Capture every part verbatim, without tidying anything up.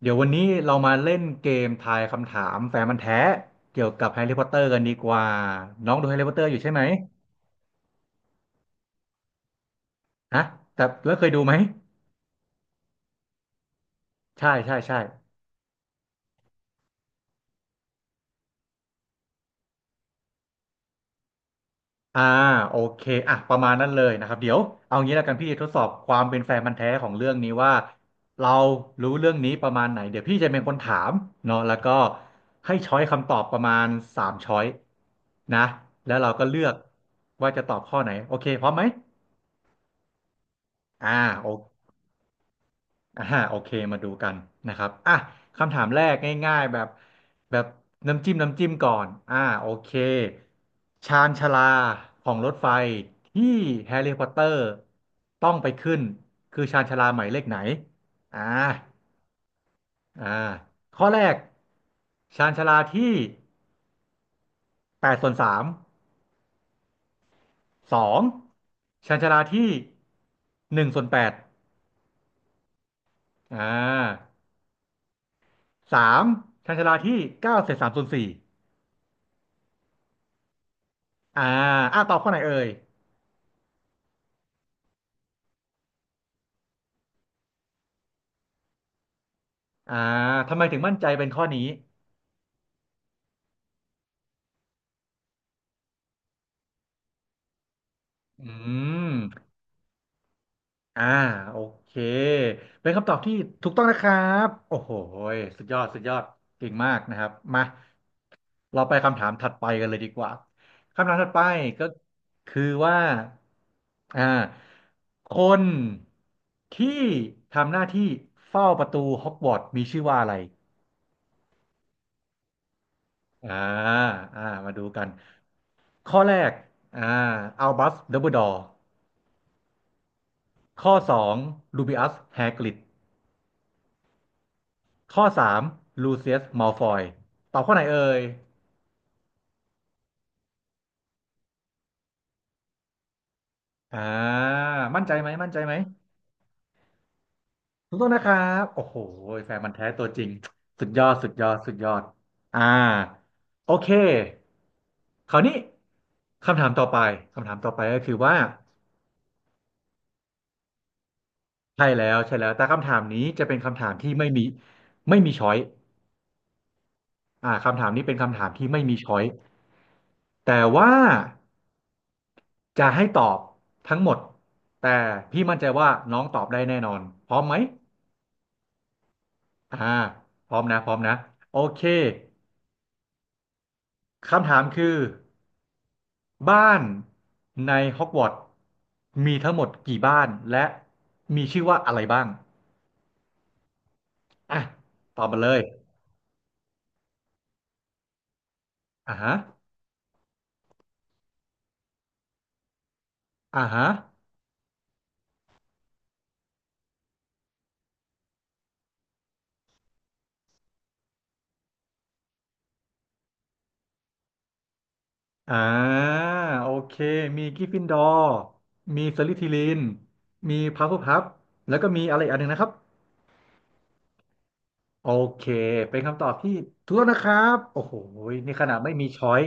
เดี๋ยววันนี้เรามาเล่นเกมทายคำถามแฟนมันธุ์แท้เกี่ยวกับแฮร์รี่พอตเตอร์กันดีกว่าน้องดูแฮร์รี่พอตเตอร์อยู่ใช่ไหมฮะแต่แล้วเคยดูไหมใช่ใช่ใช่อ่าโอเคอ่ะประมาณนั้นเลยนะครับเดี๋ยวเอางี้แล้วกันพี่ทดสอบความเป็นแฟนมันธุ์แท้ของเรื่องนี้ว่าเรารู้เรื่องนี้ประมาณไหนเดี๋ยวพี่จะเป็นคนถามเนาะแล้วก็ให้ช้อยคำตอบประมาณสามช้อยนะแล้วเราก็เลือกว่าจะตอบข้อไหนโอเคพร้อมไหมอ่าโอ อ่าโอเคมาดูกันนะครับอ่ะคำถามแรกง่ายๆแบบแบบน้ำจิ้มน้ำจิ้มก่อนอ่าโอเคชานชาลาของรถไฟที่แฮร์รี่พอตเตอร์ต้องไปขึ้นคือชานชาลาหมายเลขไหนอ่าอ่าข้อแรกชานชาลาที่แปดส่วนสามสองชานชาลาที่หนึ่งส่วนแปดอ่าสามชานชาลาที่เก้าเศษสามส่วนสี่ อ่าอ่าตอบข้อไหนเอ่ยอ่าทำไมถึงมั่นใจเป็นข้อนี้อืมอ่าโอเคเป็นคำตอบที่ถูกต้องนะครับโอ้โหยสุดยอดสุดยอดเก่งมากนะครับมาเราไปคำถามถัดไปกันเลยดีกว่า คำถามถัดไปก็คือว่าอ่าคนที่ทำหน้าที่เฝ้าประตูฮอกวอตส์มีชื่อว่าอะไรอ่าอ่ามาดูกัน ข้อแรกอ่าอัลบัสดัมเบิลดอร์ข้อสองลูบิอัสแฮกริดข้อสามลูเซียสมัลฟอยตอบข้อไหนเอ่ยอ่ามั่นใจไหมมั่นใจไหมถูกต้องนะครับโอ้โหแฟนมันธุ์แท้ตัวจริงสุดยอดสุดยอดสุดยอดอ่าโอเคคราวนี้คำถามต่อไปคำถามต่อไปก็คือว่าใช่แล้วใช่แล้วแต่คำถามนี้จะเป็นคำถามที่ไม่มีไม่มีช้อยอ่าคำถามนี้เป็นคำถามที่ไม่มีช้อยแต่ว่า จะให้ตอบทั้งหมดแต่พี่มั่นใจว่าน้องตอบได้แน่นอนพร้อมไหมอ่าพร้อมนะพร้อมนะโอเคคำถามคือบ้านในฮอกวอตส์มีทั้งหมดกี่บ้านและมีชื่อว่าอะไรบ้างอ่ะตอบมาเลยอ่าฮะอ่าฮะอ่าโอเคมีกริฟฟินดอร์มีสลิธีรินมีพัฟเฟิลพัฟแล้วก็มีอะไรอีกอันหนึ่งนะครับ โอเคเป็นคำตอบที่ถูกต้องนะครับโอ้โหนี่ขนาดไม่มีช้อย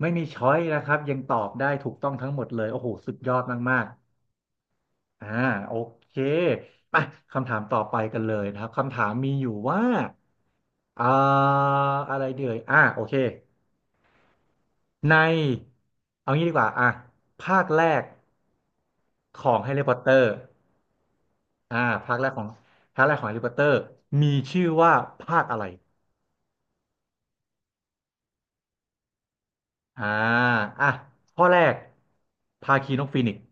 ไม่มีช้อยนะครับยังตอบได้ถูกต้องทั้งหมดเลยโอ้โหสุดยอดมากๆอ่าโอเคไปคำถามต่อไปกันเลยนะครับคำถามมีอยู่ว่าอ่าอะไรเดือยอ่าโอเคในเอางี้ดีกว่าอ่ะภาคแรกของแฮร์รี่พอตเตอร์อ่าภาคแรกของภาคแรกของแฮร์รี่พอตเตอร์มีชื่อว่าภาคอะไร อ่าอ่ะข้อแรกภาคีนกฟีนิกซ์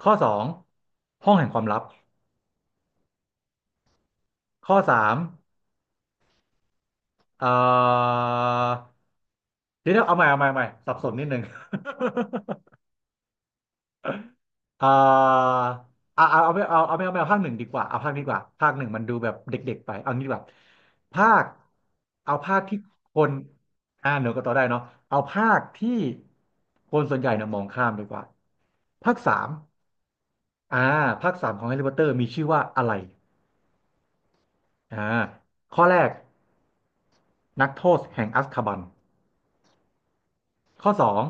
ข้อสองห้องแห่งความลับข้อสามเอ่อเดี๋ยวเดี๋ยวเอาใหม่เอาใหม่เอาใหม่สับสนนิดนึง เอ่าเอาเอาเอาไม่เอาเอาไม่เอาไม่เอาภาคหนึ่งดีกว่าเอาภาคนี้ดีกว่าภาคหนึ่งมันดูแบบเด็กๆไปเอางี้ดีกว่าภาคเอาภาคที่คนอ่าหนูก็ต่อได้เนาะเอาภาคที่คนส่วนใหญ่เนี่ยมองข้ามดีกว่าภาคสาม อ่าภาคสามของแฮร์รี่พอตเตอร์มีชื่อว่าอะไรอ่าข้อแรกนักโทษแห่งอัซคาบันข้อสอง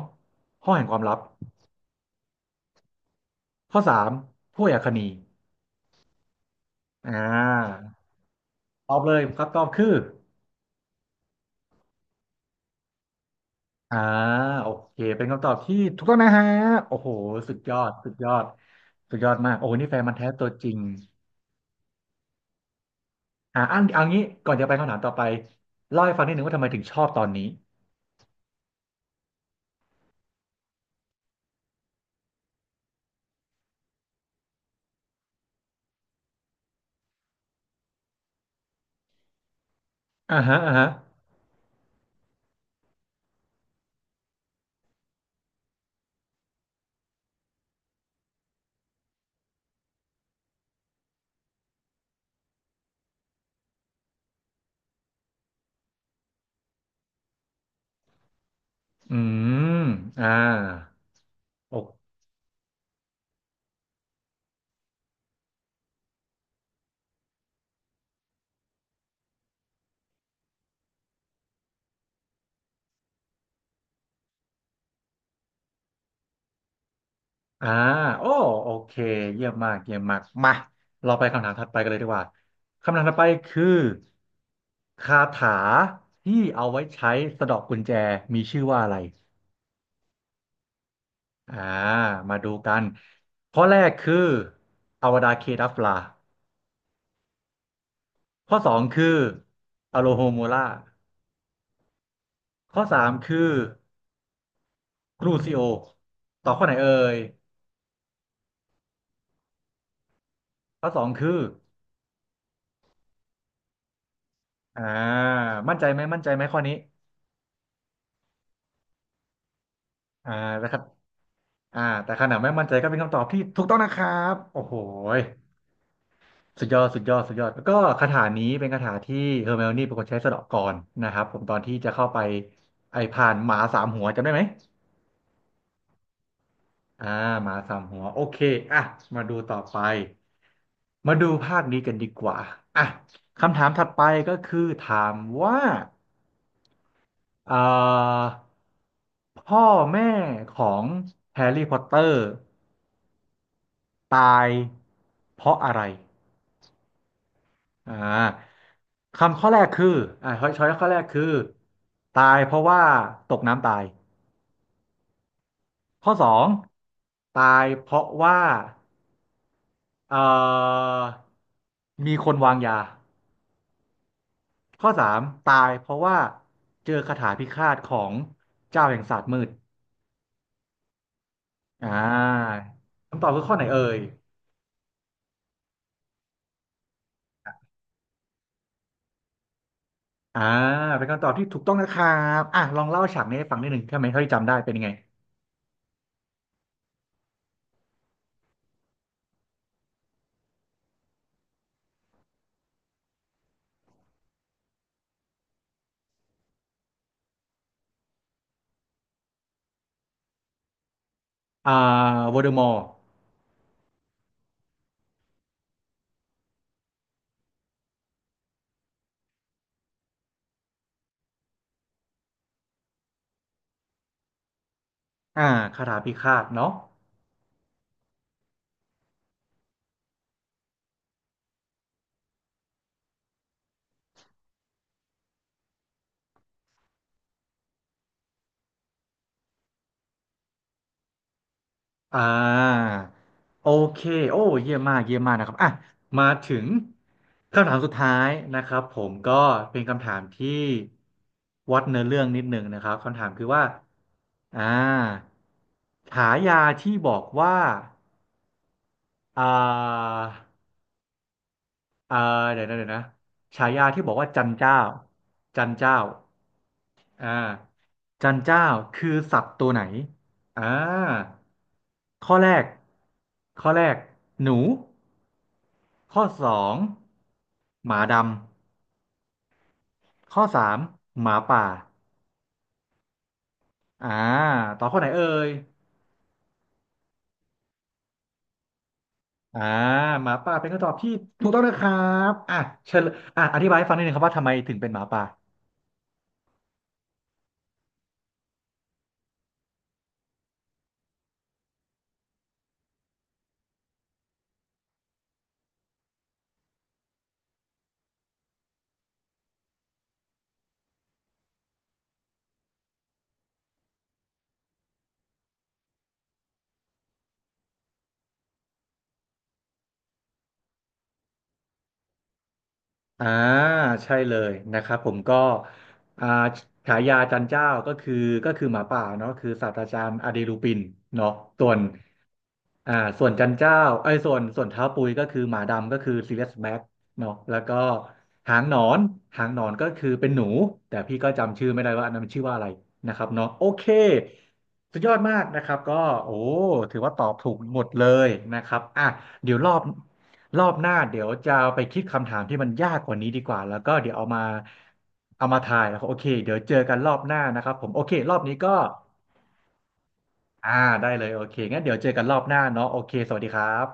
ห้องแห่งความลับข้อสามผู้อาคนีอ่าตอบเลยครับตอบคืออ่าโอเคเป็นคำตอบที่ถูกต้องนะฮะโอ้โหสุดยอดสุดยอดสุดยอดมากโอ้โหนี่แฟนมันธุ์แท้ตัวจริงอ่าอันเอางี้ก่อนจะไปคำถามต่อไปเล่าให้ฟังนิดนึงว่าทำไมถึงชอบตอนนี้อ่าฮะอ่าฮะอืมอ่าโอ อ่าโอ้โอเคเยี่ยมมากเยี่ยมมากมาเราไปคำถามถัดไปกันเลยดีกว่าคำถามถัดไปคือคาถาที่เอาไว้ใช้สะเดาะกุญแจมีชื่อว่าอะไรอ่ามาดูกันข้อแรกคืออวดาเคดัฟลาข้อสองคืออโลโฮโมลาข้อสามคือกรูซิโอต่อบข้อไหนเอ่ยข้อสองคืออ่ามั่นใจไหมมั่นใจไหมข้อนี้อ่านะครับ อ่าแต่ขนาดไม่มั่นใจก็เป็นคำตอบที่ถูกต้องนะครับโอ้โหยสุดยอดสุดยอดสุดยอดแล้วก็คาถานี้เป็นคาถาที่เฮอร์ไมโอนี่เป็นคนใช้สะเดาะก่อนนะครับผมตอนที่จะเข้าไปไอ้ผ่านหมาสามหัวจำได้ไหมอ่าหมาสามหัวโอเคอ่ะมาดูต่อไปมาดูภาคนี้กันดีกว่าอ่ะคำถามถัดไปก็คือถามว่าเอ่อพ่อแม่ของแฮร์รี่พอตเตอร์ตายเพราะอะไร อ่าคำข้อแรกคืออ่าช้อยช้อยข้อแรกคือตายเพราะว่าตกน้ำตายข้อสองตายเพราะว่าเอ่อมีคนวางยาข้อสามตายเพราะว่าเจอคาถาพิฆาตของเจ้าแห่งศาสตร์มืดอ่าคำตอบคือข้อไหนเอ่ยอ่าเป็นคำตอบที่ถูกต้องนะครับอ่ะลองเล่าฉากนี้ให้ฟังนิดหนึ่งใช่ไหมเท่าที่จำได้เป็นยังไงอ่าวอเดอมอร์อ่าคาถาพิฆาตเนาะ อ่าโอเคโอ้เยี่ยมมากเยี่ยมมากนะครับอ่ะมาถึงคำถามสุดท้ายนะครับผมก็เป็นคำถามที่วัดเนื้อเรื่องนิดหนึ่งนะครับคำถามคือว่าอ่าฉายาที่บอกว่าอ่า เออเดี๋ยวนะเดี๋ยวนะฉายาที่บอกว่าจันเจ้าจันเจ้าอ่าจันเจ้าคือสัตว์ตัวไหนอ่าข้อแรกข้อแรกหนูข้อสองหมาดำข้อสามหมาป่าอ่าต่อบข้อไหนเอ่ยอ่าหมาป่าเป็นคำตอบที่ถูกต้องนะครับอ่ะเชิญอ่ะอธิบายให้ฟังนิดนึงครับว่าทำไมถึงเป็นหมาป่า อ่าใช่เลยนะครับผมก็อ่าฉายาจันเจ้าก็คือก็คือหมาป่าเนาะคือศาสตราจารย์อเดลูปินเนาะส่วนอ่าส่วนจันเจ้าไอ้ยส่วนส่วนเท้าปุยก็คือหมาดำก็คือซีเรียสแบ็ค เนาะแล้วก็หางหนอนหางหนอนก็คือเป็นหนูแต่พี่ก็จำชื่อไม่ได้ว่าอันนั้นมันชื่อว่าอะไรนะครับเนาะโอเคสุดยอดมากนะครับก็โอ้ถือว่าตอบถูกหมดเลยนะครับอ่ะเดี๋ยวรอบรอบหน้าเดี๋ยวจะไปคิดคำถามที่มันยากกว่านี้ดีกว่าแล้วก็เดี๋ยวเอามาเอามาทายแล้วโอเคเดี๋ยวเจอกันรอบหน้านะครับผมโอเครอบนี้ก็อ่าได้เลยโอเคงั้นเดี๋ยวเจอกันรอบหน้าเนาะโอเคสวัสดีครับ